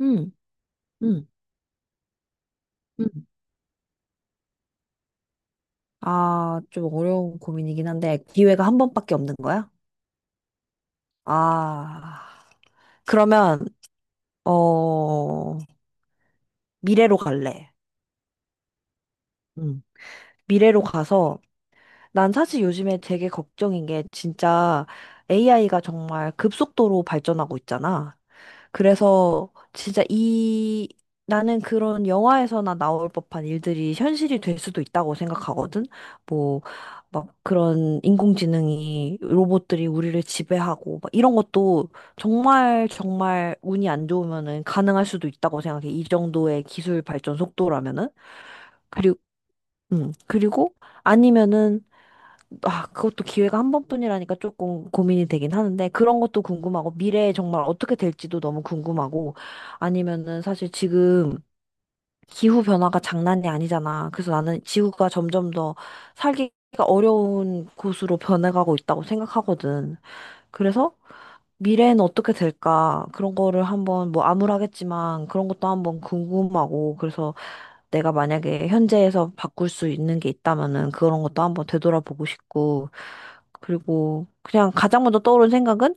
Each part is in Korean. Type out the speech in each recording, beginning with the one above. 음, 음, 음. 아, 좀 어려운 고민이긴 한데, 기회가 한 번밖에 없는 거야? 아, 그러면, 어, 미래로 갈래. 음. 미래로 가서, 난 사실 요즘에 되게 걱정인 게, 진짜 AI가 정말 급속도로 발전하고 있잖아. 그래서 진짜 이 나는 그런 영화에서나 나올 법한 일들이 현실이 될 수도 있다고 생각하거든. 뭐 막 그런 인공지능이 로봇들이 우리를 지배하고 막 이런 것도 정말 정말 운이 안 좋으면은 가능할 수도 있다고 생각해. 이 정도의 기술 발전 속도라면은. 그리고 그리고 아니면은 아, 그것도 기회가 한 번뿐이라니까 조금 고민이 되긴 하는데, 그런 것도 궁금하고, 미래에 정말 어떻게 될지도 너무 궁금하고, 아니면은 사실 지금 기후 변화가 장난이 아니잖아. 그래서 나는 지구가 점점 더 살기가 어려운 곳으로 변해가고 있다고 생각하거든. 그래서 미래에는 어떻게 될까? 그런 거를 한번, 뭐 암울하겠지만, 그런 것도 한번 궁금하고, 그래서 내가 만약에 현재에서 바꿀 수 있는 게 있다면은 그런 것도 한번 되돌아보고 싶고, 그리고 그냥 가장 먼저 떠오른 생각은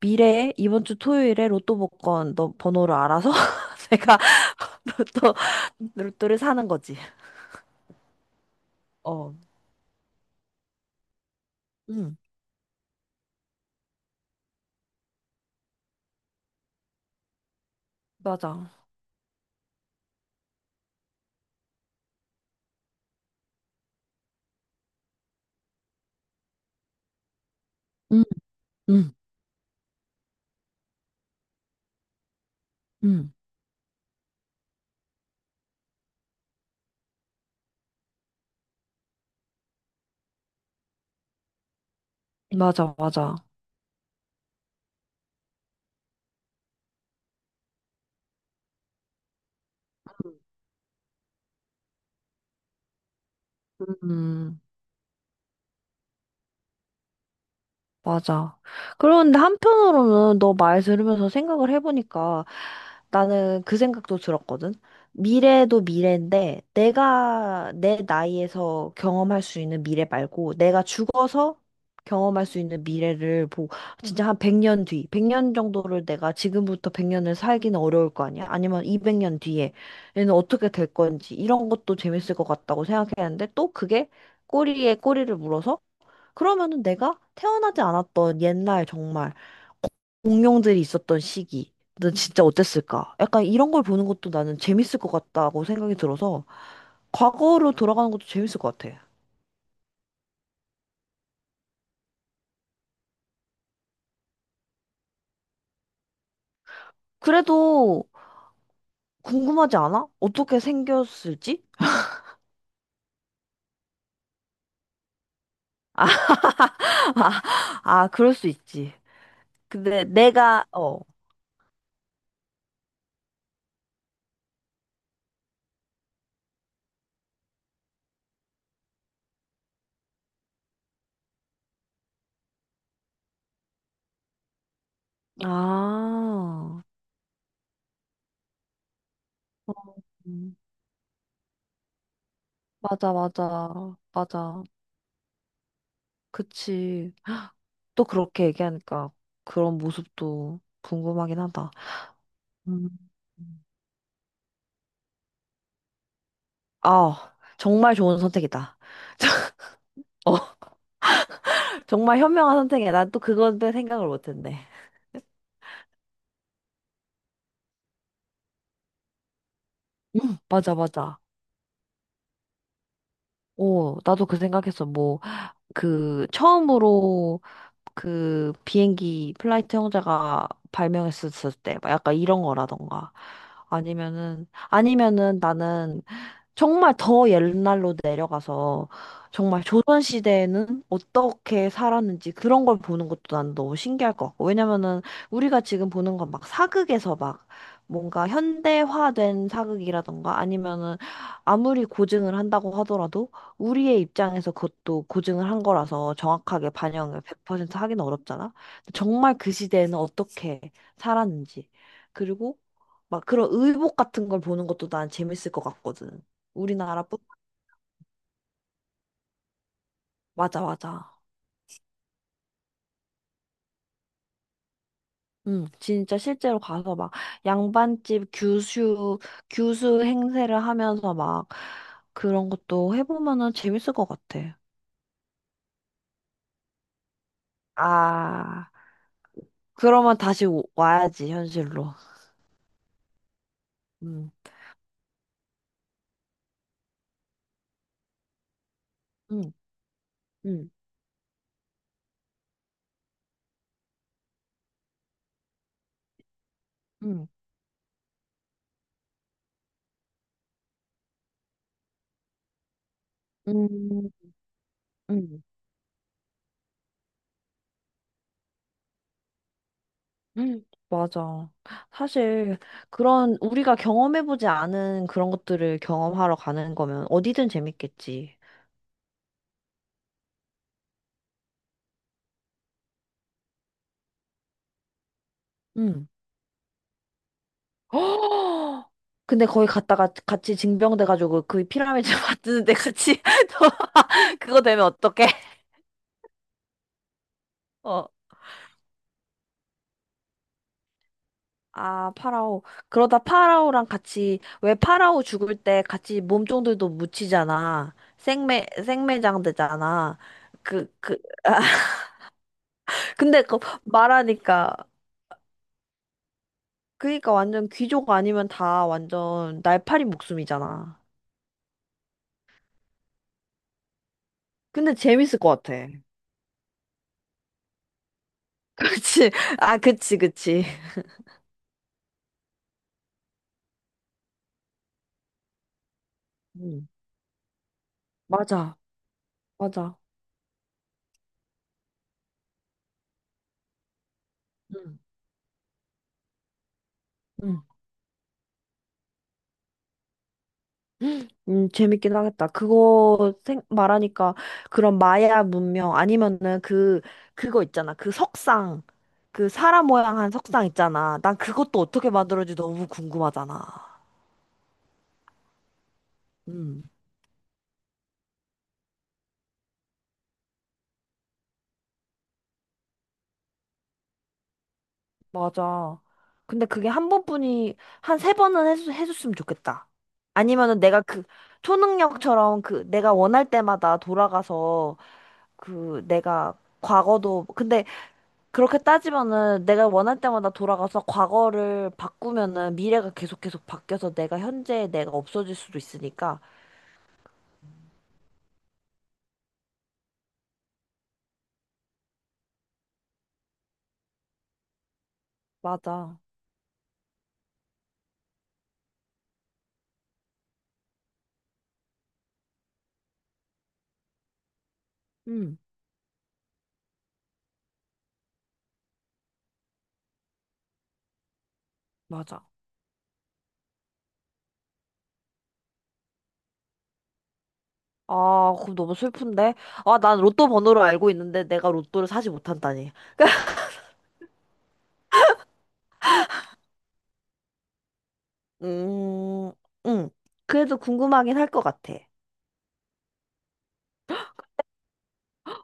미래에 이번 주 토요일에 로또 복권 너 번호를 알아서 내가 로또, 로또를 사는 거지. 어, 응, 맞아. 음, 음, 음. 맞아, 맞아. 음. 맞아. 그런데 한편으로는 너 말 들으면서 생각을 해보니까 나는 그 생각도 들었거든. 미래도 미래인데 내가 내 나이에서 경험할 수 있는 미래 말고 내가 죽어서 경험할 수 있는 미래를 보 진짜 한 100년 뒤, 100년 정도를 내가 지금부터 100년을 살기는 어려울 거 아니야? 아니면 200년 뒤에 얘는 어떻게 될 건지 이런 것도 재밌을 것 같다고 생각했는데 또 그게 꼬리에 꼬리를 물어서 그러면은 내가 태어나지 않았던 옛날 정말 공룡들이 있었던 시기 는 진짜 어땠을까? 약간 이런 걸 보는 것도 나는 재밌을 것 같다고 생각이 들어서 과거로 돌아가는 것도 재밌을 것 같아. 그래도 궁금하지 않아? 어떻게 생겼을지? 아, 아, 그럴 수 있지. 근데 내가, 어. 아, 음, 맞아, 맞아, 맞아. 그치. 또 그렇게 얘기하니까 그런 모습도 궁금하긴 하다. 음. 아, 정말 좋은 선택이다. 어, 정말 현명한 선택이야. 난 또 그건데 생각을 못했네. 맞아, 맞아. 오, 나도 그 생각했어. 뭐, 그, 처음으로 그 비행기 플라이트 형제가 발명했었을 때, 막 약간 이런 거라던가. 아니면은, 아니면은 나는 정말 더 옛날로 내려가서 정말 조선시대에는 어떻게 살았는지 그런 걸 보는 것도 난 너무 신기할 것 같고. 왜냐면은 우리가 지금 보는 건 막 사극에서 막 뭔가 현대화된 사극이라던가 아니면은 아무리 고증을 한다고 하더라도 우리의 입장에서 그것도 고증을 한 거라서 정확하게 반영을 100% 하기는 어렵잖아. 정말 그 시대에는 어떻게 살았는지. 그리고 막 그런 의복 같은 걸 보는 것도 난 재밌을 것 같거든. 우리나라뿐 맞아 맞아. 응, 진짜 실제로 가서 막 양반집 교수 행세를 하면서 막 그런 것도 해보면은 재밌을 것 같아. 아, 그러면 다시 와야지 현실로. 응, 응, 응, 응, 응, 응. 응, 맞아. 사실 그런 우리가 경험해보지 않은 그런 것들을 경험하러 가는 거면 어디든 재밌겠지. 응. 어! 근데 거기 갔다가 같이 징병돼가지고 그 피라미드 만드는데 같이 또 그거 되면 어떡해? 어. 아, 파라오. 그러다 파라오랑 같이, 왜 파라오 죽을 때 같이 몸종들도 묻히잖아. 생매장 되잖아. 그, 그, 근데 그 말하니까, 그니까 완전 귀족 아니면 다 완전 날파리 목숨이잖아. 근데 재밌을 것 같아. 그치. 아, 그치, 그치. 응. 맞아, 맞아. 응. 음, 재밌긴 하겠다. 그거 말하니까 그런 마야 문명 아니면은 그거 있잖아. 그 석상. 그 사람 모양한 석상 있잖아. 난 그것도 어떻게 만들었는지 너무 궁금하잖아. 음, 맞아. 근데 그게 한 세 번은 해줬으면 좋겠다. 아니면은 내가 그 초능력처럼 내가 원할 때마다 돌아가서 그 내가 과거도 근데 그렇게 따지면은 내가 원할 때마다 돌아가서 과거를 바꾸면은 미래가 계속 계속 바뀌어서 내가 현재의 내가 없어질 수도 있으니까. 맞아. 응, 맞아. 아, 그럼 너무 슬픈데? 아, 난 로또 번호를 알고 있는데 내가 로또를 사지 못한다니. 음, 응. 그래도 궁금하긴 할 것 같아.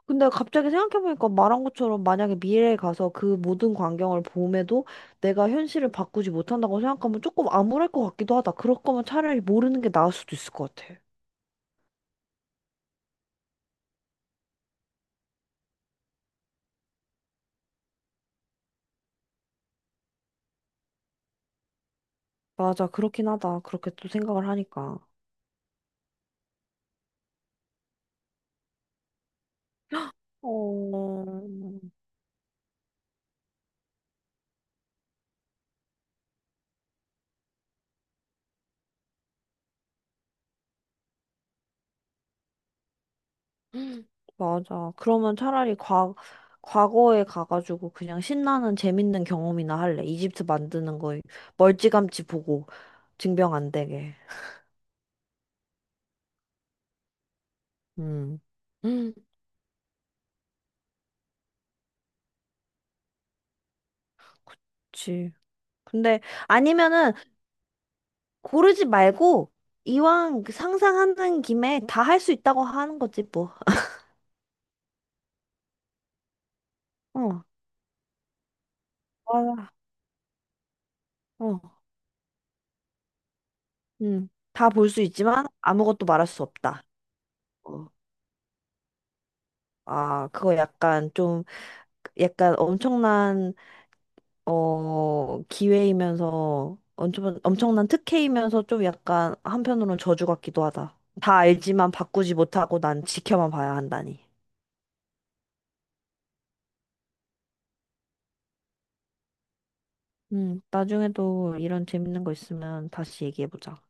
근데 갑자기 생각해보니까 말한 것처럼 만약에 미래에 가서 그 모든 광경을 봄에도 내가 현실을 바꾸지 못한다고 생각하면 조금 암울할 것 같기도 하다. 그럴 거면 차라리 모르는 게 나을 수도 있을 것 같아. 맞아, 그렇긴 하다. 그렇게 또 생각을 하니까. 어, 음, 맞아. 그러면 차라리 과거에 가가지고 그냥 신나는 재밌는 경험이나 할래. 이집트 만드는 거 멀찌감치 보고 증병 안 되게. 음. 음, 그치. 근데 아니면은 고르지 말고 이왕 그 상상하는 김에 다 할 수 있다고 하는 거지 뭐. 어, 맞아. 어, 음, 다 볼 수 있지만 아무것도 말할 수 없다. 어, 아, 그거 약간 좀 약간 엄청난 기회이면서 엄청 엄청난 특혜이면서 좀 약간 한편으로는 저주 같기도 하다. 다 알지만 바꾸지 못하고 난 지켜만 봐야 한다니. 나중에도 이런 재밌는 거 있으면 다시 얘기해보자.